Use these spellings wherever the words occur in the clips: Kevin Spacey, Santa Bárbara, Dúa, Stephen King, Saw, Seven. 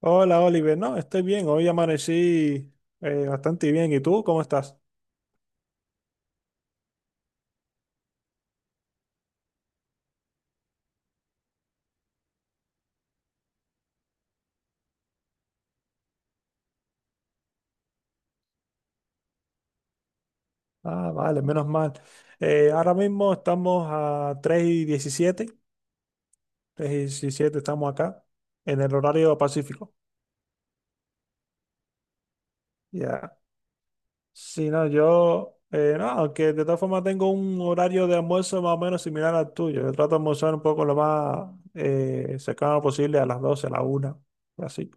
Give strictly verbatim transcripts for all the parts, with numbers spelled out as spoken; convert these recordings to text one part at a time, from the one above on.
Hola, Oliver. No, estoy bien. Hoy amanecí eh, bastante bien. ¿Y tú cómo estás? Ah, vale, menos mal. Eh, ahora mismo estamos a tres y diecisiete. Tres y diecisiete estamos acá, en el horario pacífico. Ya. Sí, no, yo. Eh, no, aunque de todas formas tengo un horario de almuerzo más o menos similar al tuyo. Yo trato de almorzar un poco lo más eh, cercano posible a las doce, a la una. Así.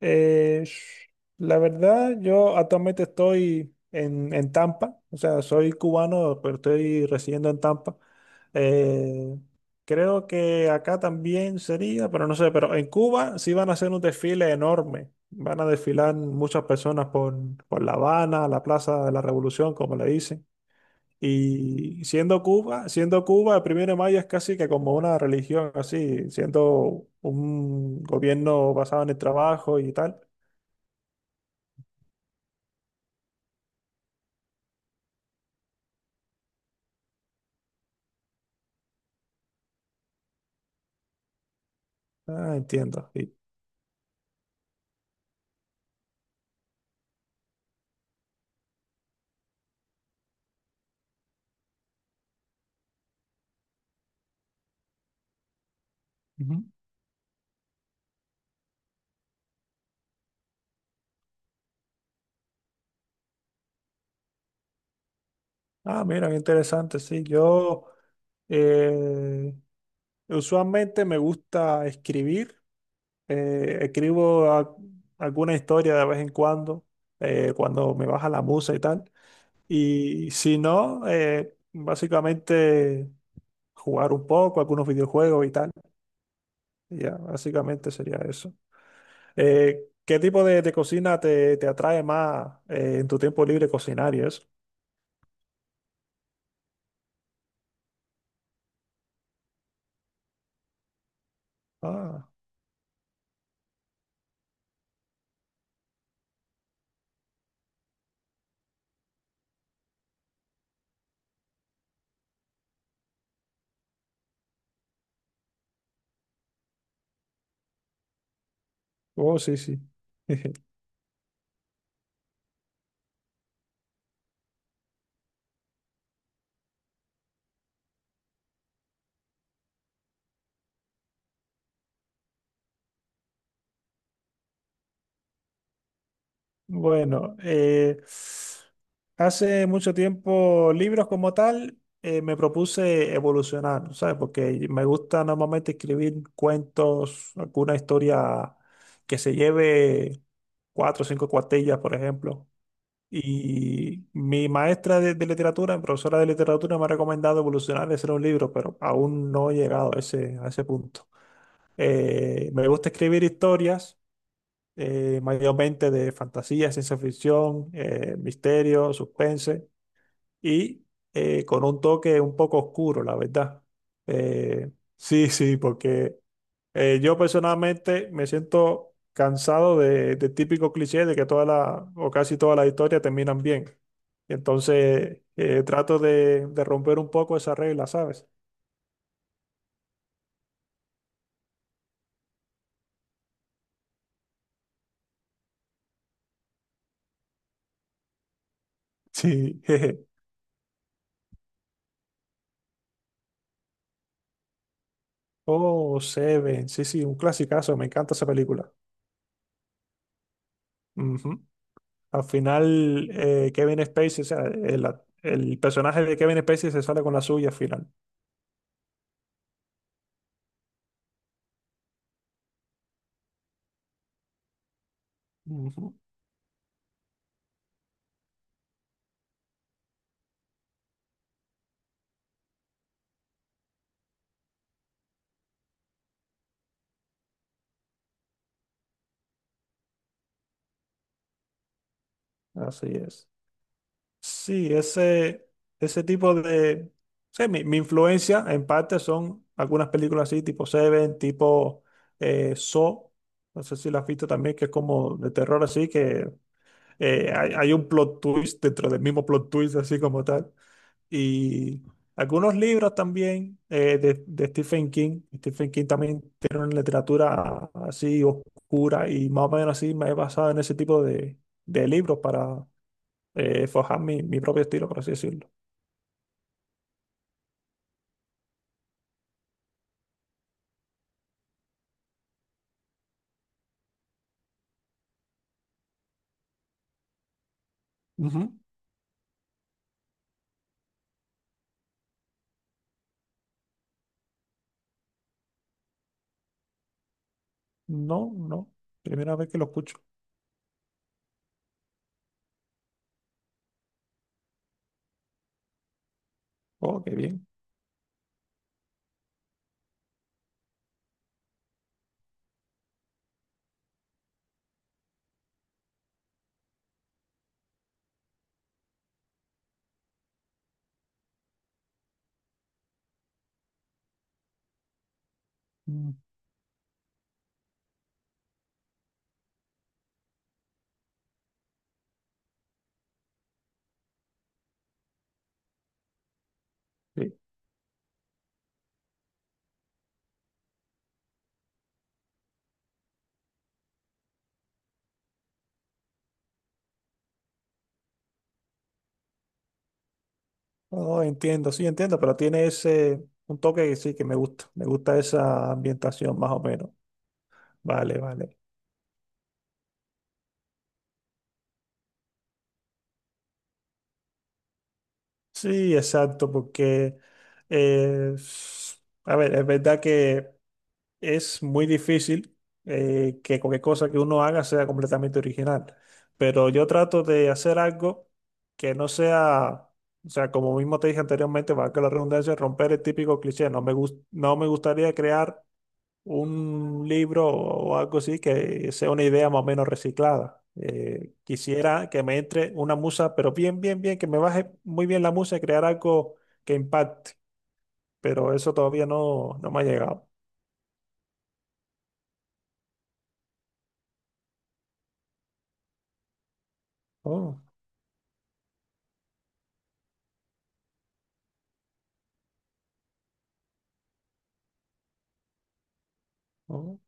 Eh, sh- la verdad, yo actualmente estoy en, en Tampa, o sea, soy cubano, pero estoy residiendo en Tampa. Eh, creo que acá también sería, pero no sé, pero en Cuba sí van a hacer un desfile enorme. Van a desfilar muchas personas por, por La Habana, la Plaza de la Revolución, como le dicen. Y siendo Cuba, siendo Cuba, el primero de mayo es casi que como una religión, así, siendo un gobierno basado en el trabajo y tal. Ah, entiendo, sí. Ujú. Ah, mira, qué interesante. Sí, yo eh, usualmente me gusta escribir. eh, escribo a- alguna historia de vez en cuando, eh, cuando me baja la musa y tal. Y si no, eh, básicamente jugar un poco, algunos videojuegos y tal. Y ya, básicamente sería eso. Eh, ¿qué tipo de, de cocina te, te atrae más eh, en tu tiempo libre cocinar y eso? Ah, oh, sí, sí. Bueno, eh, hace mucho tiempo libros como tal eh, me propuse evolucionar, ¿sabes? Porque me gusta normalmente escribir cuentos, alguna historia que se lleve cuatro o cinco cuartillas, por ejemplo. Y mi maestra de, de literatura, mi profesora de literatura, me ha recomendado evolucionar y hacer un libro, pero aún no he llegado a ese, a ese punto. Eh, me gusta escribir historias eh, mayormente de fantasía, ciencia ficción, eh, misterio, suspense y eh, con un toque un poco oscuro, la verdad. Eh, sí, sí, porque eh, yo personalmente me siento cansado de, de típico cliché de que toda la o casi todas las historias terminan bien. Y entonces eh, trato de, de romper un poco esa regla, ¿sabes? Sí. jeje. Oh, Seven, sí, sí, un clasicazo, me encanta esa película. Ujú. Al final, eh, Kevin Spacey, o sea, el, el personaje de Kevin Spacey se sale con la suya al final. Ujú, así es. Sí, ese, ese tipo de... Sí, mi, mi influencia en parte son algunas películas así, tipo Seven, tipo eh, Saw. No sé si la has visto también, que es como de terror así, que eh, hay, hay un plot twist dentro del mismo plot twist así como tal. Y algunos libros también eh, de, de Stephen King. Stephen King también tiene una literatura así oscura y más o menos así me he basado en ese tipo de, de libros para eh, forjar mi, mi propio estilo, por así decirlo. Ujú. No, no. Primera vez que lo escucho. Oh, qué bien. Mm, sí. Oh, entiendo, sí, entiendo, pero tiene ese, un toque que sí, que me gusta. Me gusta esa ambientación más o menos. Vale, vale. Sí, exacto, porque, eh, s- a ver, es verdad que es muy difícil eh, que cualquier cosa que uno haga sea completamente original, pero yo trato de hacer algo que no sea, o sea, como mismo te dije anteriormente, valga la redundancia, romper el típico cliché. No me gus- no me gustaría crear un libro o algo así que sea una idea más o menos reciclada. Eh, quisiera que me entre una musa, pero bien, bien, bien, que me baje muy bien la musa y crear algo que impacte, pero eso todavía no, no me ha llegado. Oh, oh,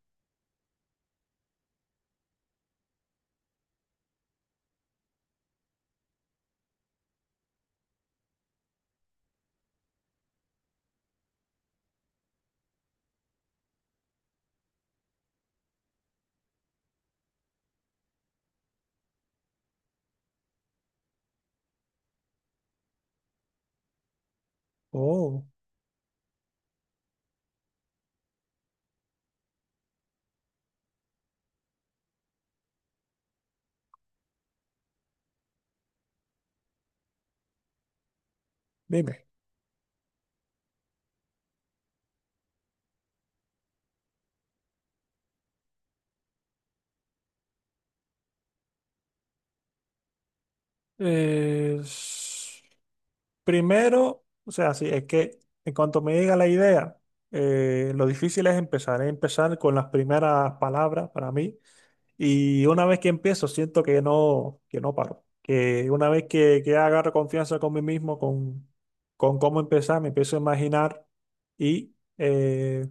oh, dime. Eh, s- primero, o sea, sí, es que en cuanto me llega la idea, eh, lo difícil es empezar, es empezar con las primeras palabras para mí. Y una vez que empiezo, siento que no, que no paro. Que una vez que, que agarro confianza con mí mismo, con, con cómo empezar, me empiezo a imaginar y eh,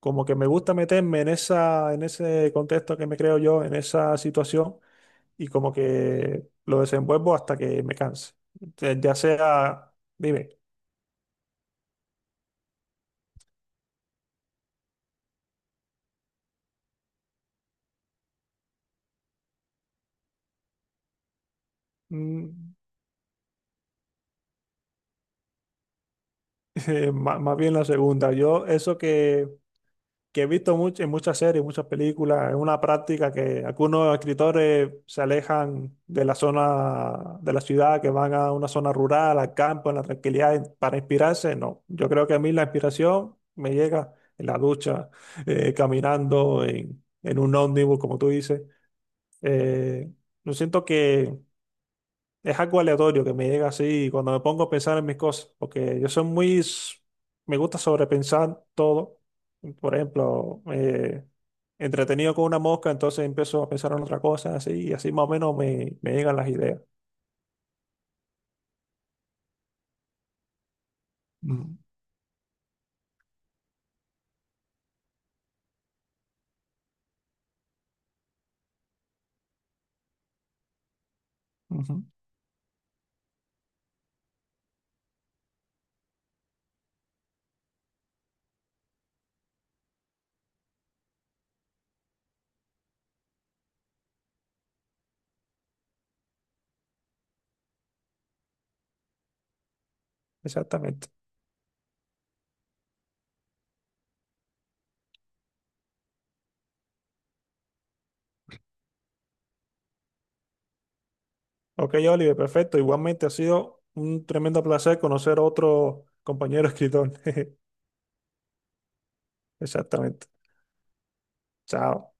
como que me gusta meterme en esa, en ese contexto que me creo yo, en esa situación, y como que lo desenvuelvo hasta que me canse. Entonces, ya sea, dime. mm, eh, má- más bien la segunda. Yo, eso que que he visto mucho, en muchas series, muchas películas, es una práctica que algunos escritores se alejan de la zona de la ciudad, que van a una zona rural, al campo, en la tranquilidad, en- para inspirarse. No, yo creo que a mí la inspiración me llega en la ducha, eh, caminando, en, en un ómnibus, como tú dices. Eh, yo siento que es algo aleatorio que me llega así cuando me pongo a pensar en mis cosas, porque yo soy muy, s- me gusta sobrepensar todo. Por ejemplo, eh, entretenido con una mosca, entonces empiezo a pensar en otra cosa, así, y así más o menos me, me llegan las ideas. Mm, ujú. Exactamente. Ok, Oliver, perfecto. Igualmente ha sido un tremendo placer conocer a otro compañero escritor. Exactamente. Chao.